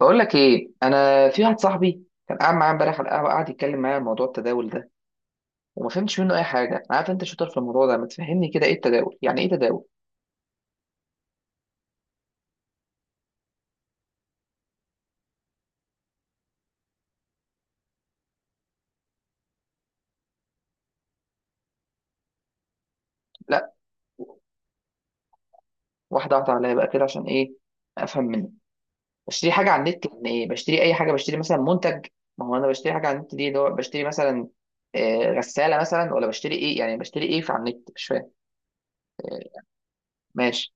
بقول لك ايه، انا في واحد صاحبي كان قاعد معايا امبارح على القهوه، قاعد يتكلم معايا عن موضوع التداول ده وما فهمتش منه اي حاجه. أنا عارف انت شاطر في الموضوع ده، ما تفهمني كده ايه التداول؟ يعني ايه تداول؟ لا، واحده واحده عليا بقى كده، عشان ايه افهم منه. بشتري حاجه على النت يعني ايه؟ بشتري اي حاجه؟ بشتري مثلا منتج؟ ما هو انا بشتري حاجه على النت، دي اللي هو بشتري مثلا غساله مثلا، ولا بشتري ايه؟ يعني بشتري ايه في على النت؟ مش فاهم. آه، ماشي.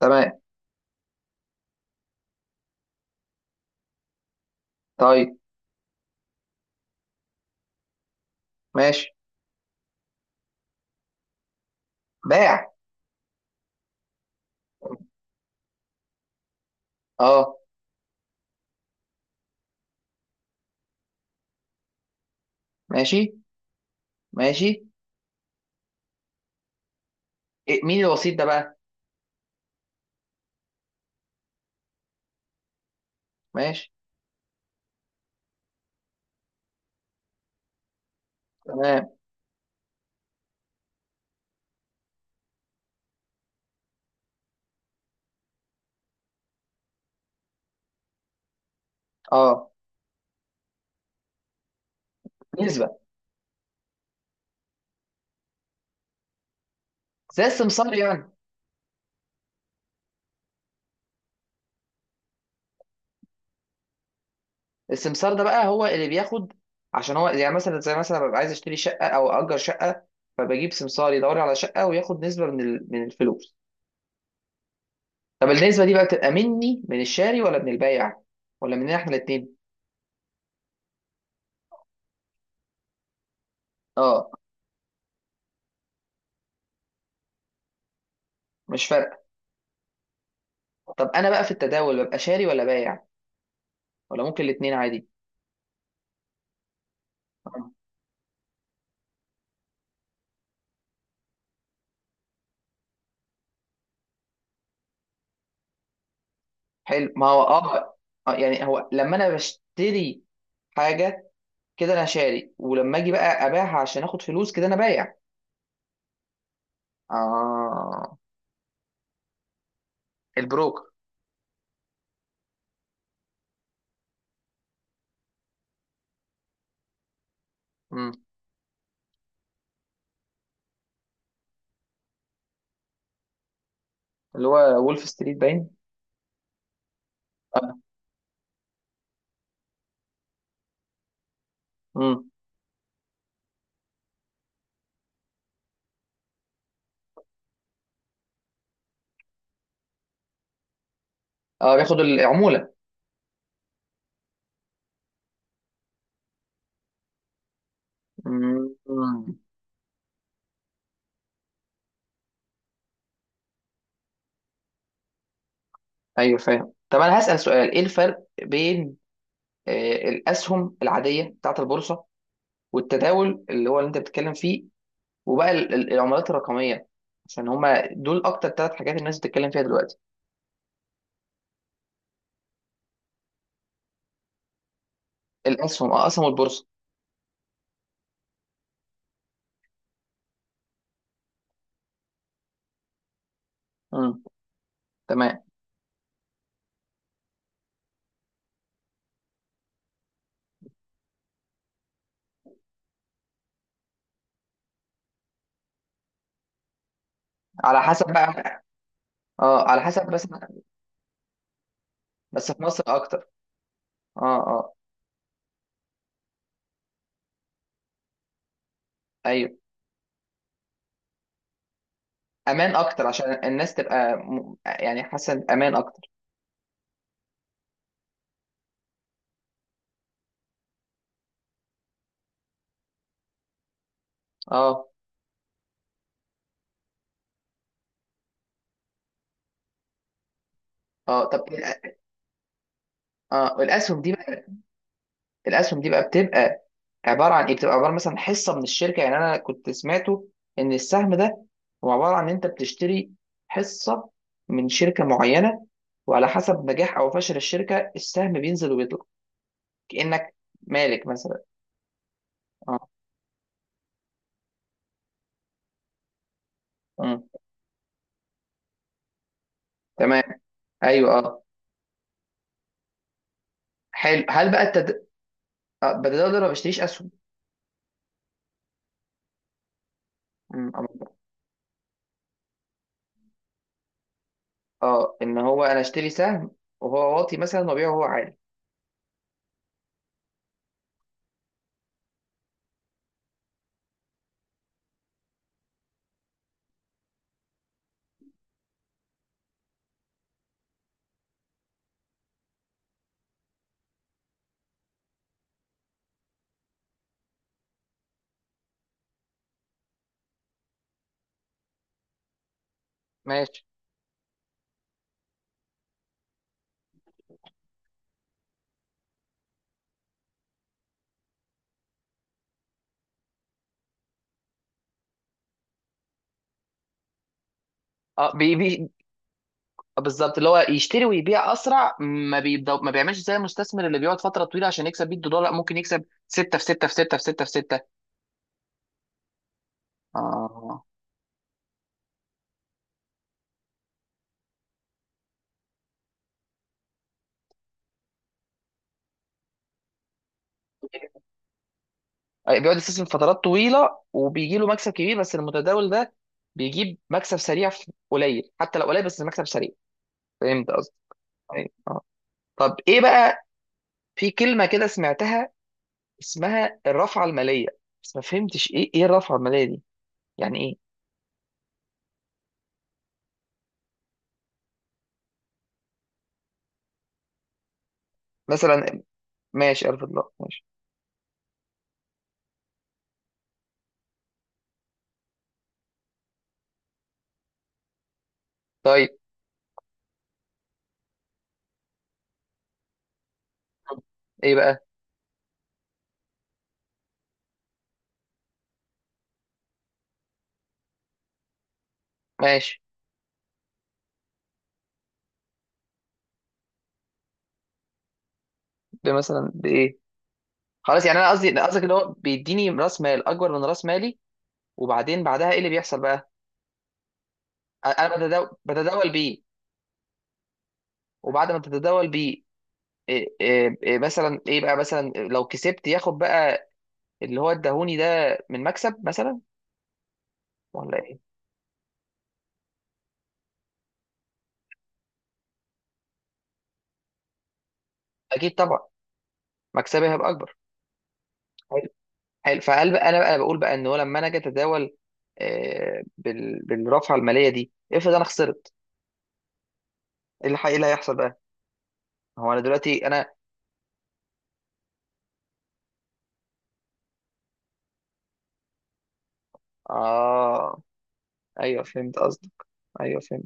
تمام. طيب. ماشي. باع. اه. ماشي. ماشي. إيه، مين الوسيط ده بقى؟ ماشي. تمام. اه. نسبه، زي السمسار يعني. السمسار ده بقى هو اللي بياخد، عشان هو يعني مثلا، زي مثلا ببقى عايز اشتري شقه او اجر شقه، فبجيب سمسار يدور لي على شقه وياخد نسبه من من الفلوس. طب النسبه دي بقى بتبقى مني، من الشاري، ولا من البايع، ولا مننا احنا الاثنين؟ اه. مش فارقه. طب انا بقى في التداول ببقى شاري ولا بايع، ولا ممكن الاثنين عادي؟ آه. حلو. ما هو اه. يعني هو لما انا بشتري حاجه، كده انا شاري. ولما اجي بقى ابيعها عشان اخد فلوس، كده انا بايع. اه. البروكر. مم. اللي هو وولف ستريت باين. اه. مم. اه بياخد العمولة. مم. مم. ايوه فاهم. طب انا هسأل سؤال، ايه الفرق بين الاسهم العادية بتاعت البورصة والتداول اللي هو اللي انت بتتكلم فيه، وبقى العملات الرقمية؟ عشان هما دول اكتر ثلاث حاجات الناس بتتكلم فيها دلوقتي. الاسهم، اه، اسهم البورصة. مم. تمام. على حسب بقى. اه على حسب بس. بس في مصر اكتر. اه اه. ايوه، امان اكتر عشان الناس تبقى يعني حاسه امان اكتر. اه اه. طب اه الاسهم دي بقى، الاسهم دي بقى بتبقى عباره عن ايه؟ بتبقى عباره مثلا حصه من الشركه. يعني انا كنت سمعته ان السهم ده هو عباره عن ان انت بتشتري حصه من شركه معينه، وعلى حسب نجاح او فشل الشركه السهم بينزل وبيطلع، كانك مالك مثلا. اه. مم. تمام. ايوه اه. حلو، هل بقى بدل اقدر ما بشتريش اسهم. مم، اه ان هو انا اشتري سهم وهو واطي مثلا وابيعه وهو عالي. ماشي. اه بي. بالظبط، اللي هو يشتري ويبيع اسرع، ما بيبدأ ما بيعملش زي المستثمر اللي بيقعد فتره طويله عشان يكسب 100 دولار. لا، ممكن يكسب 6 في 6 في 6 في 6 في 6. اه، بيقعد يستثمر فترات طويله وبيجي له مكسب كبير، بس المتداول ده بيجيب مكسب سريع في قليل، حتى لو قليل، بس المكسب سريع. فهمت قصدي؟ أيوة. اه. طب ايه بقى؟ في كلمه كده سمعتها اسمها الرافعه الماليه، بس ما فهمتش ايه الرافعه الماليه دي؟ يعني ايه؟ مثلا. ماشي، 1000، الله ماشي. طيب. ايه بقى؟ ماشي. مثلا بايه؟ خلاص، يعني انا قصدي قصدك اللي هو بيديني راس مال اكبر من راس مالي، وبعدين بعدها ايه اللي بيحصل بقى؟ انا بتداول، بتداول بيه. وبعد ما تتداول بيه، إيه إيه إيه مثلا ايه بقى مثلا لو كسبت، ياخد بقى اللي هو اداهوني ده من مكسب مثلا، ولا ايه؟ اكيد طبعا مكسبي هيبقى اكبر. حلو. حلو فقال بقى، انا بقى بقول بقى ان هو لما انا اجي اتداول بالرافعه الماليه دي، افرض انا خسرت، إيه اللي هيحصل بقى؟ هو انا دلوقتي انا. آه. ايوه فهمت قصدك، ايوه فهمت.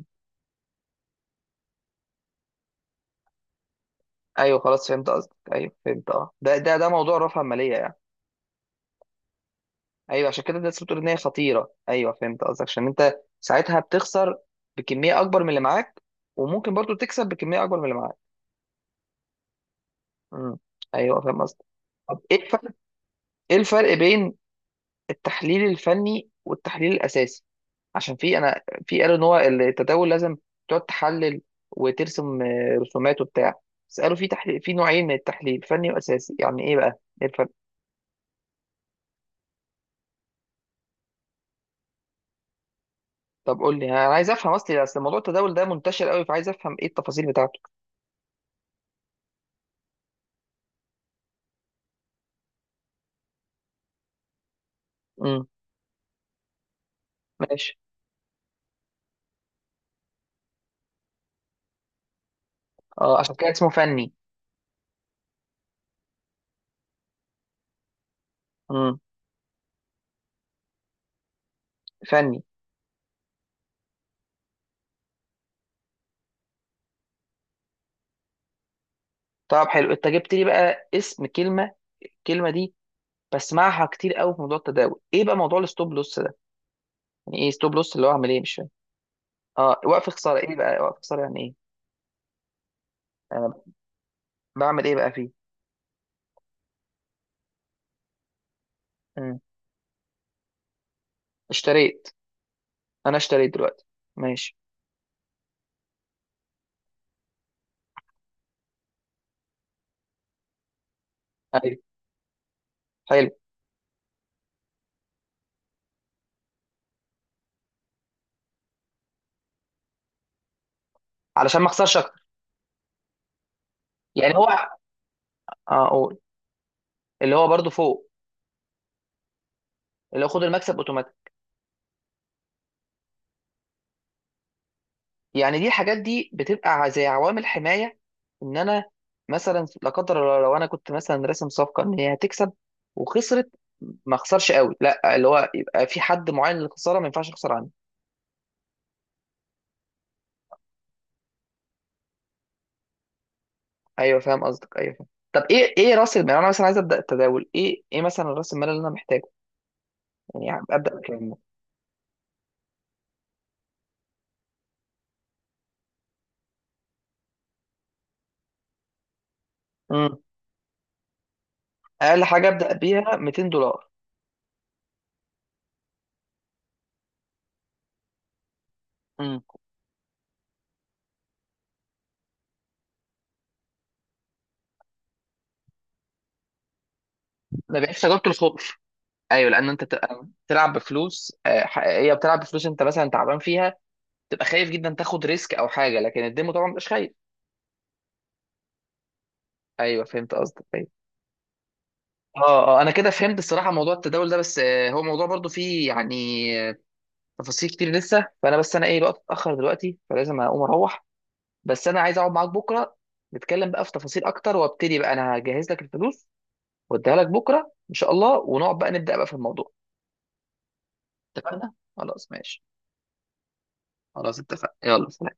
ايوه خلاص فهمت قصدك، ايوه فهمت اه، ده موضوع رفع ماليه يعني. ايوه، عشان كده الناس بتقول ان هي خطيره. ايوه فهمت قصدك، عشان انت ساعتها بتخسر بكميه اكبر من اللي معاك، وممكن برضو تكسب بكميه اكبر من اللي معاك. امم. ايوه فاهم قصدك. طب ايه الفرق، ايه الفرق بين التحليل الفني والتحليل الاساسي؟ عشان في انا في قالوا ان هو التداول لازم تقعد تحلل وترسم رسومات وبتاع. بس قالوا في تحليل، في نوعين من التحليل، فني واساسي، يعني ايه بقى؟ ايه الفرق؟ طب قول لي، انا عايز افهم. اصل موضوع التداول ده منتشر قوي، فعايز افهم ايه التفاصيل بتاعته. امم. ماشي. اه عشان كده اسمه فني. امم. فني. طب حلو، انت جبت لي بقى اسم كلمه، الكلمه دي بسمعها كتير قوي في موضوع التداول. ايه بقى موضوع الستوب لوس ده؟ يعني ايه ستوب لوس؟ اللي هو اعمل ايه؟ مش فاهم. اه، وقف خساره، ايه بقى وقف خساره؟ يعني ايه؟ انا بعمل ايه بقى فيه؟ مم. اشتريت. انا اشتريت دلوقتي. ماشي. ايوه. حلو. علشان ما اخسرش اكتر. يعني هو. اه اقول. اللي هو برضو فوق. اللي هو خد المكسب اوتوماتيك. يعني دي، الحاجات دي بتبقى زي عوامل حمايه، ان انا مثلا لا قدر الله لو انا كنت مثلا راسم صفقه ان هي هتكسب وخسرت، ما اخسرش قوي. لا، اللي هو يبقى في حد معين للخساره ما ينفعش اخسر عنه. ايوه فاهم قصدك، ايوه فاهم. طب ايه راس المال؟ انا مثلا عايز ابدا التداول، ايه مثلا راس المال اللي انا محتاجه؟ يعني ابدا بكام؟ امم. اقل حاجه ابدا بيها 200 دولار. امم. ما بيعيش تجربه الخوف. ايوه، لان انت بتبقى بتلعب بفلوس حقيقيه، بتلعب بفلوس انت مثلا تعبان فيها، تبقى خايف جدا تاخد ريسك او حاجه، لكن الديمو طبعا مش خايف. ايوه فهمت قصدك، ايوه. اه اه، انا كده فهمت الصراحه موضوع التداول ده، بس هو موضوع برضو فيه يعني آه، تفاصيل كتير لسه، فانا بس انا ايه، الوقت اتاخر دلوقتي فلازم اقوم اروح. بس انا عايز اقعد معاك بكره نتكلم بقى في تفاصيل اكتر، وابتدي بقى. انا هجهز لك الفلوس واديها لك بكره ان شاء الله، ونقعد بقى نبدا بقى في الموضوع. اتفقنا خلاص، ماشي. خلاص اتفقنا، يلا سلام.